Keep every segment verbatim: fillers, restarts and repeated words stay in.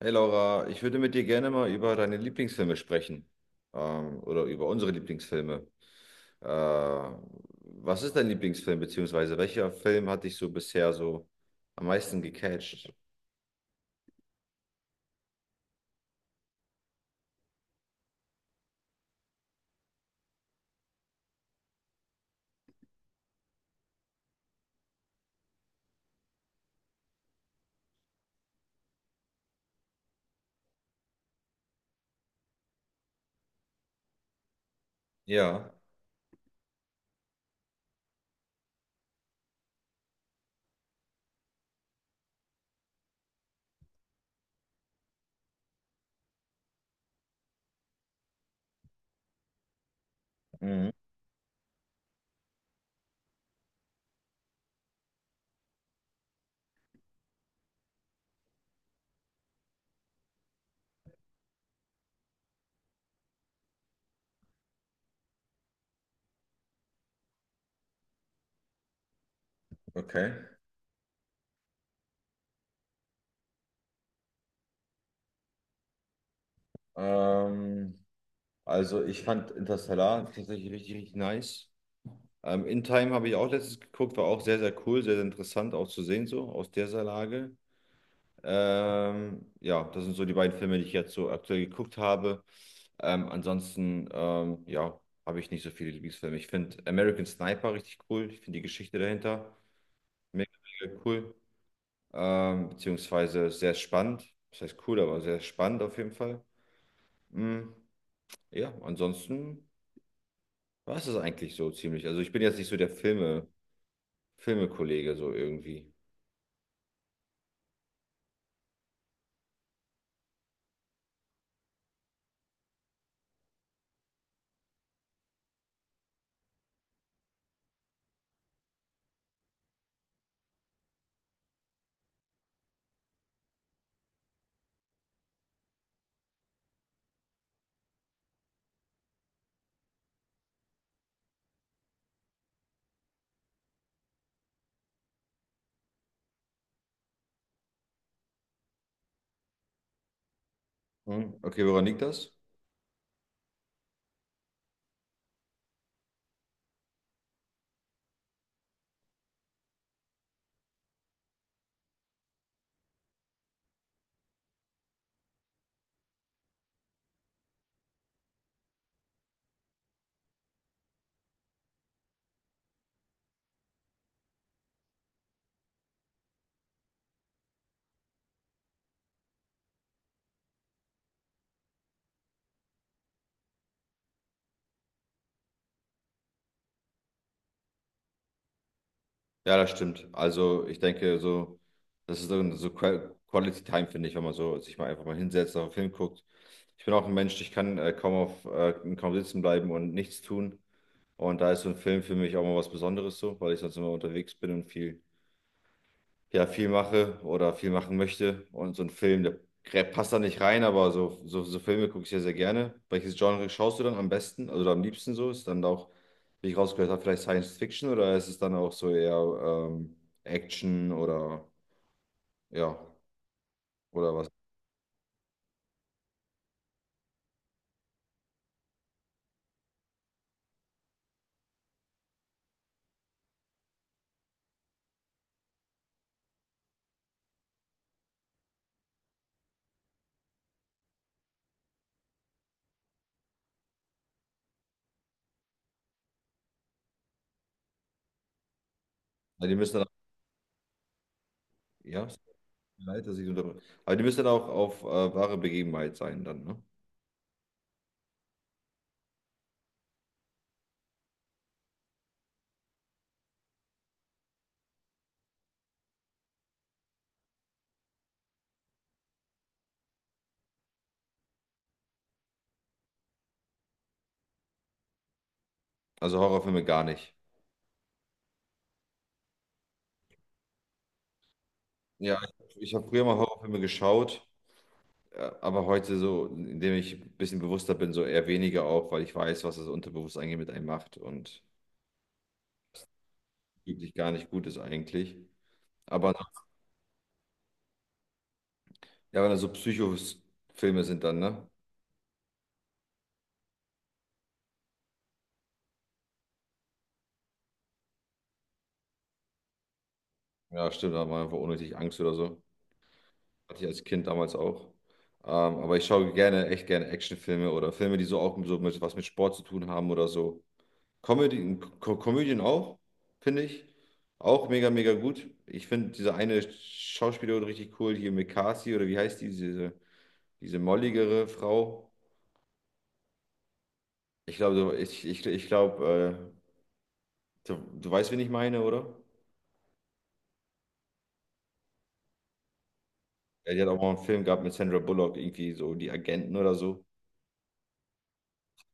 Hey Laura, ich würde mit dir gerne mal über deine Lieblingsfilme sprechen. Ähm, oder über unsere Lieblingsfilme. Äh, was ist dein Lieblingsfilm, beziehungsweise welcher Film hat dich so bisher so am meisten gecatcht? Ja, mhm, okay. Ähm, also ich fand Interstellar tatsächlich richtig, richtig nice. Ähm, In Time habe ich auch letztens geguckt, war auch sehr, sehr cool, sehr, sehr interessant auch zu sehen, so aus dieser Lage. Ähm, ja, das sind so die beiden Filme, die ich jetzt so aktuell geguckt habe. Ähm, ansonsten, ähm, ja, habe ich nicht so viele Lieblingsfilme. Ich finde American Sniper richtig cool. Ich finde die Geschichte dahinter mega, mega cool. Ähm, beziehungsweise sehr spannend. Das heißt cool, aber sehr spannend auf jeden Fall. Mm, ja, ansonsten war es das eigentlich so ziemlich. Also ich bin jetzt nicht so der Filme, Filmekollege so irgendwie. Hm, okay, woran liegt das? Ja, das stimmt. Also ich denke, so, das ist so so Qua- Quality Time, finde ich, wenn man so sich mal einfach mal hinsetzt, auf einen Film guckt. Ich bin auch ein Mensch, ich kann äh, kaum auf äh, kaum sitzen bleiben und nichts tun. Und da ist so ein Film für mich auch mal was Besonderes so, weil ich sonst immer unterwegs bin und viel ja, viel mache oder viel machen möchte. Und so ein Film, der grä- passt da nicht rein, aber so, so, so Filme gucke ich sehr sehr gerne. Welches Genre schaust du dann am besten, also am liebsten so? Ist dann auch, wie ich rausgehört habe, vielleicht Science Fiction oder ist es dann auch so eher ähm, Action oder ja, oder was? Ja, die müssen dann, ja, es tut mir leid, dass ich so unterbreche. Aber die müssen dann auch auf äh, wahre Begebenheit sein dann, ne? Also Horrorfilme gar nicht. Ja, ich, ich habe früher mal Horrorfilme geschaut. Ja, aber heute so, indem ich ein bisschen bewusster bin, so eher weniger auch, weil ich weiß, was das Unterbewusstsein eigentlich mit einem macht und wirklich gar nicht gut ist eigentlich. Aber ja, wenn das so Psychofilme sind dann, ne? Ja, stimmt, da hat man einfach unnötig Angst oder so. Hatte ich als Kind damals auch. Ähm, aber ich schaue gerne, echt gerne Actionfilme oder Filme, die so auch so mit, was mit Sport zu tun haben oder so. Comedy, Co Komödien auch, finde ich. Auch mega, mega gut. Ich finde diese eine Schauspielerin richtig cool, hier Mekasi oder wie heißt die, diese, diese molligere Frau. Ich glaube, du- ich, ich, ich glaube, äh, du, du weißt, wen ich meine, oder? Ja, die hat auch mal einen Film gehabt mit Sandra Bullock, irgendwie so Die Agenten oder so.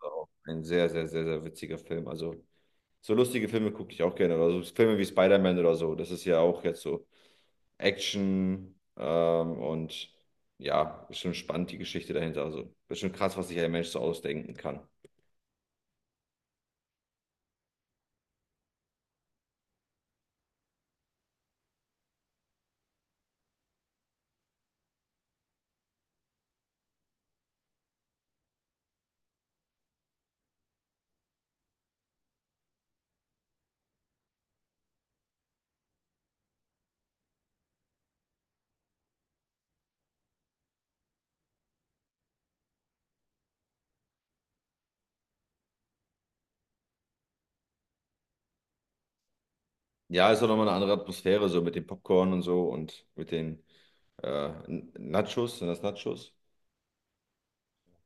War auch ein sehr, sehr, sehr, sehr witziger Film. Also so lustige Filme gucke ich auch gerne. Oder so Filme wie Spider-Man oder so. Das ist ja auch jetzt so. Action ähm, und ja, ist schon spannend die Geschichte dahinter. Also ist schon krass, was sich ein Mensch so ausdenken kann. Ja, ist auch nochmal eine andere Atmosphäre, so mit dem Popcorn und so und mit den äh, N- Nachos, sind das Nachos?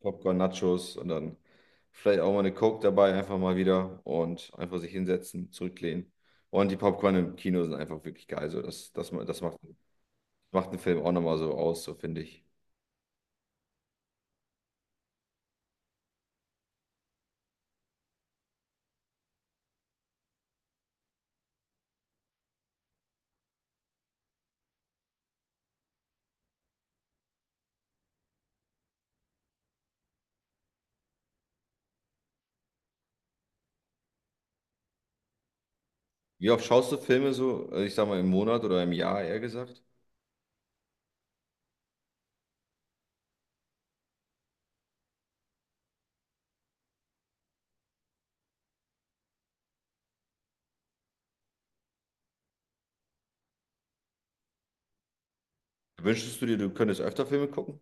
Popcorn, Nachos und dann vielleicht auch mal eine Coke dabei, einfach mal wieder und einfach sich hinsetzen, zurücklehnen. Und die Popcorn im Kino sind einfach wirklich geil. So, das, das, ma- das macht, macht einen Film auch nochmal so aus, so finde ich. Wie oft schaust du Filme so, äh, ich sag mal im Monat oder im Jahr eher gesagt? Wünschst du dir, du könntest öfter Filme gucken?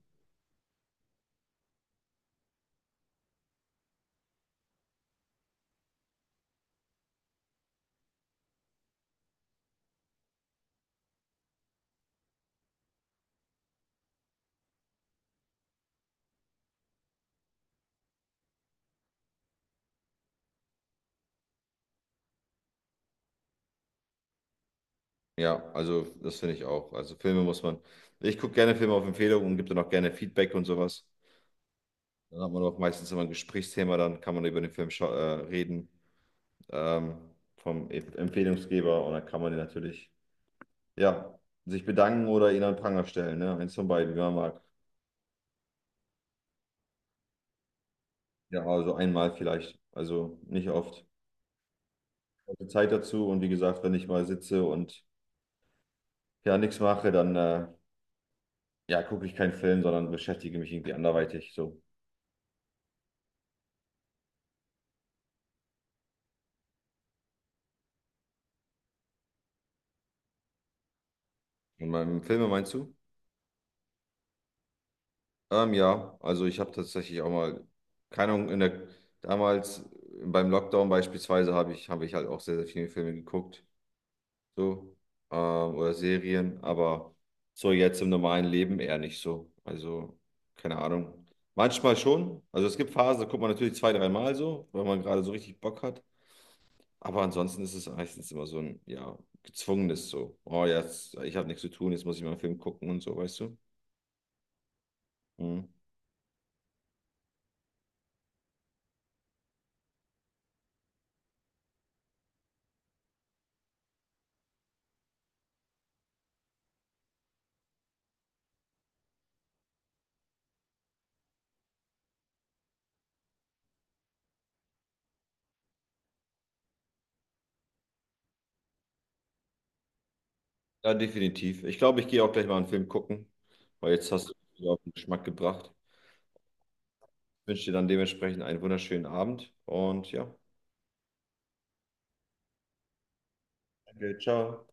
Ja, also das finde ich auch. Also Filme muss man. Ich gucke gerne Filme auf Empfehlung und gebe dann auch gerne Feedback und sowas. Dann hat man auch meistens immer ein Gesprächsthema, dann kann man über den Film schau- äh, reden ähm, vom E- Empfehlungsgeber und dann kann man den natürlich, ja, sich bedanken oder ihn an den Pranger stellen, ne? Eins von beiden, wie man mag. Ja, also einmal vielleicht, also nicht oft. Also Zeit dazu und wie gesagt, wenn ich mal sitze und ja nichts mache, dann äh, ja, gucke ich keinen Film, sondern beschäftige mich irgendwie anderweitig so. In meinem Filme meinst du? Ähm, ja, also ich habe tatsächlich auch mal, keine Ahnung, in der, damals beim Lockdown beispielsweise habe ich, habe ich halt auch sehr, sehr viele Filme geguckt, so, ähm, oder Serien, aber so jetzt im normalen Leben eher nicht so. Also, keine Ahnung. Manchmal schon. Also es gibt Phasen, da guckt man natürlich zwei, dreimal so, weil man gerade so richtig Bock hat. Aber ansonsten ist es meistens immer so ein, ja, gezwungenes so. Oh, jetzt, ich habe nichts zu tun, jetzt muss ich mal einen Film gucken und so, weißt du? Mhm. Ja, definitiv. Ich glaube, ich gehe auch gleich mal einen Film gucken, weil jetzt hast du mich wieder auf den Geschmack gebracht. Ich wünsche dir dann dementsprechend einen wunderschönen Abend und ja, danke, ciao.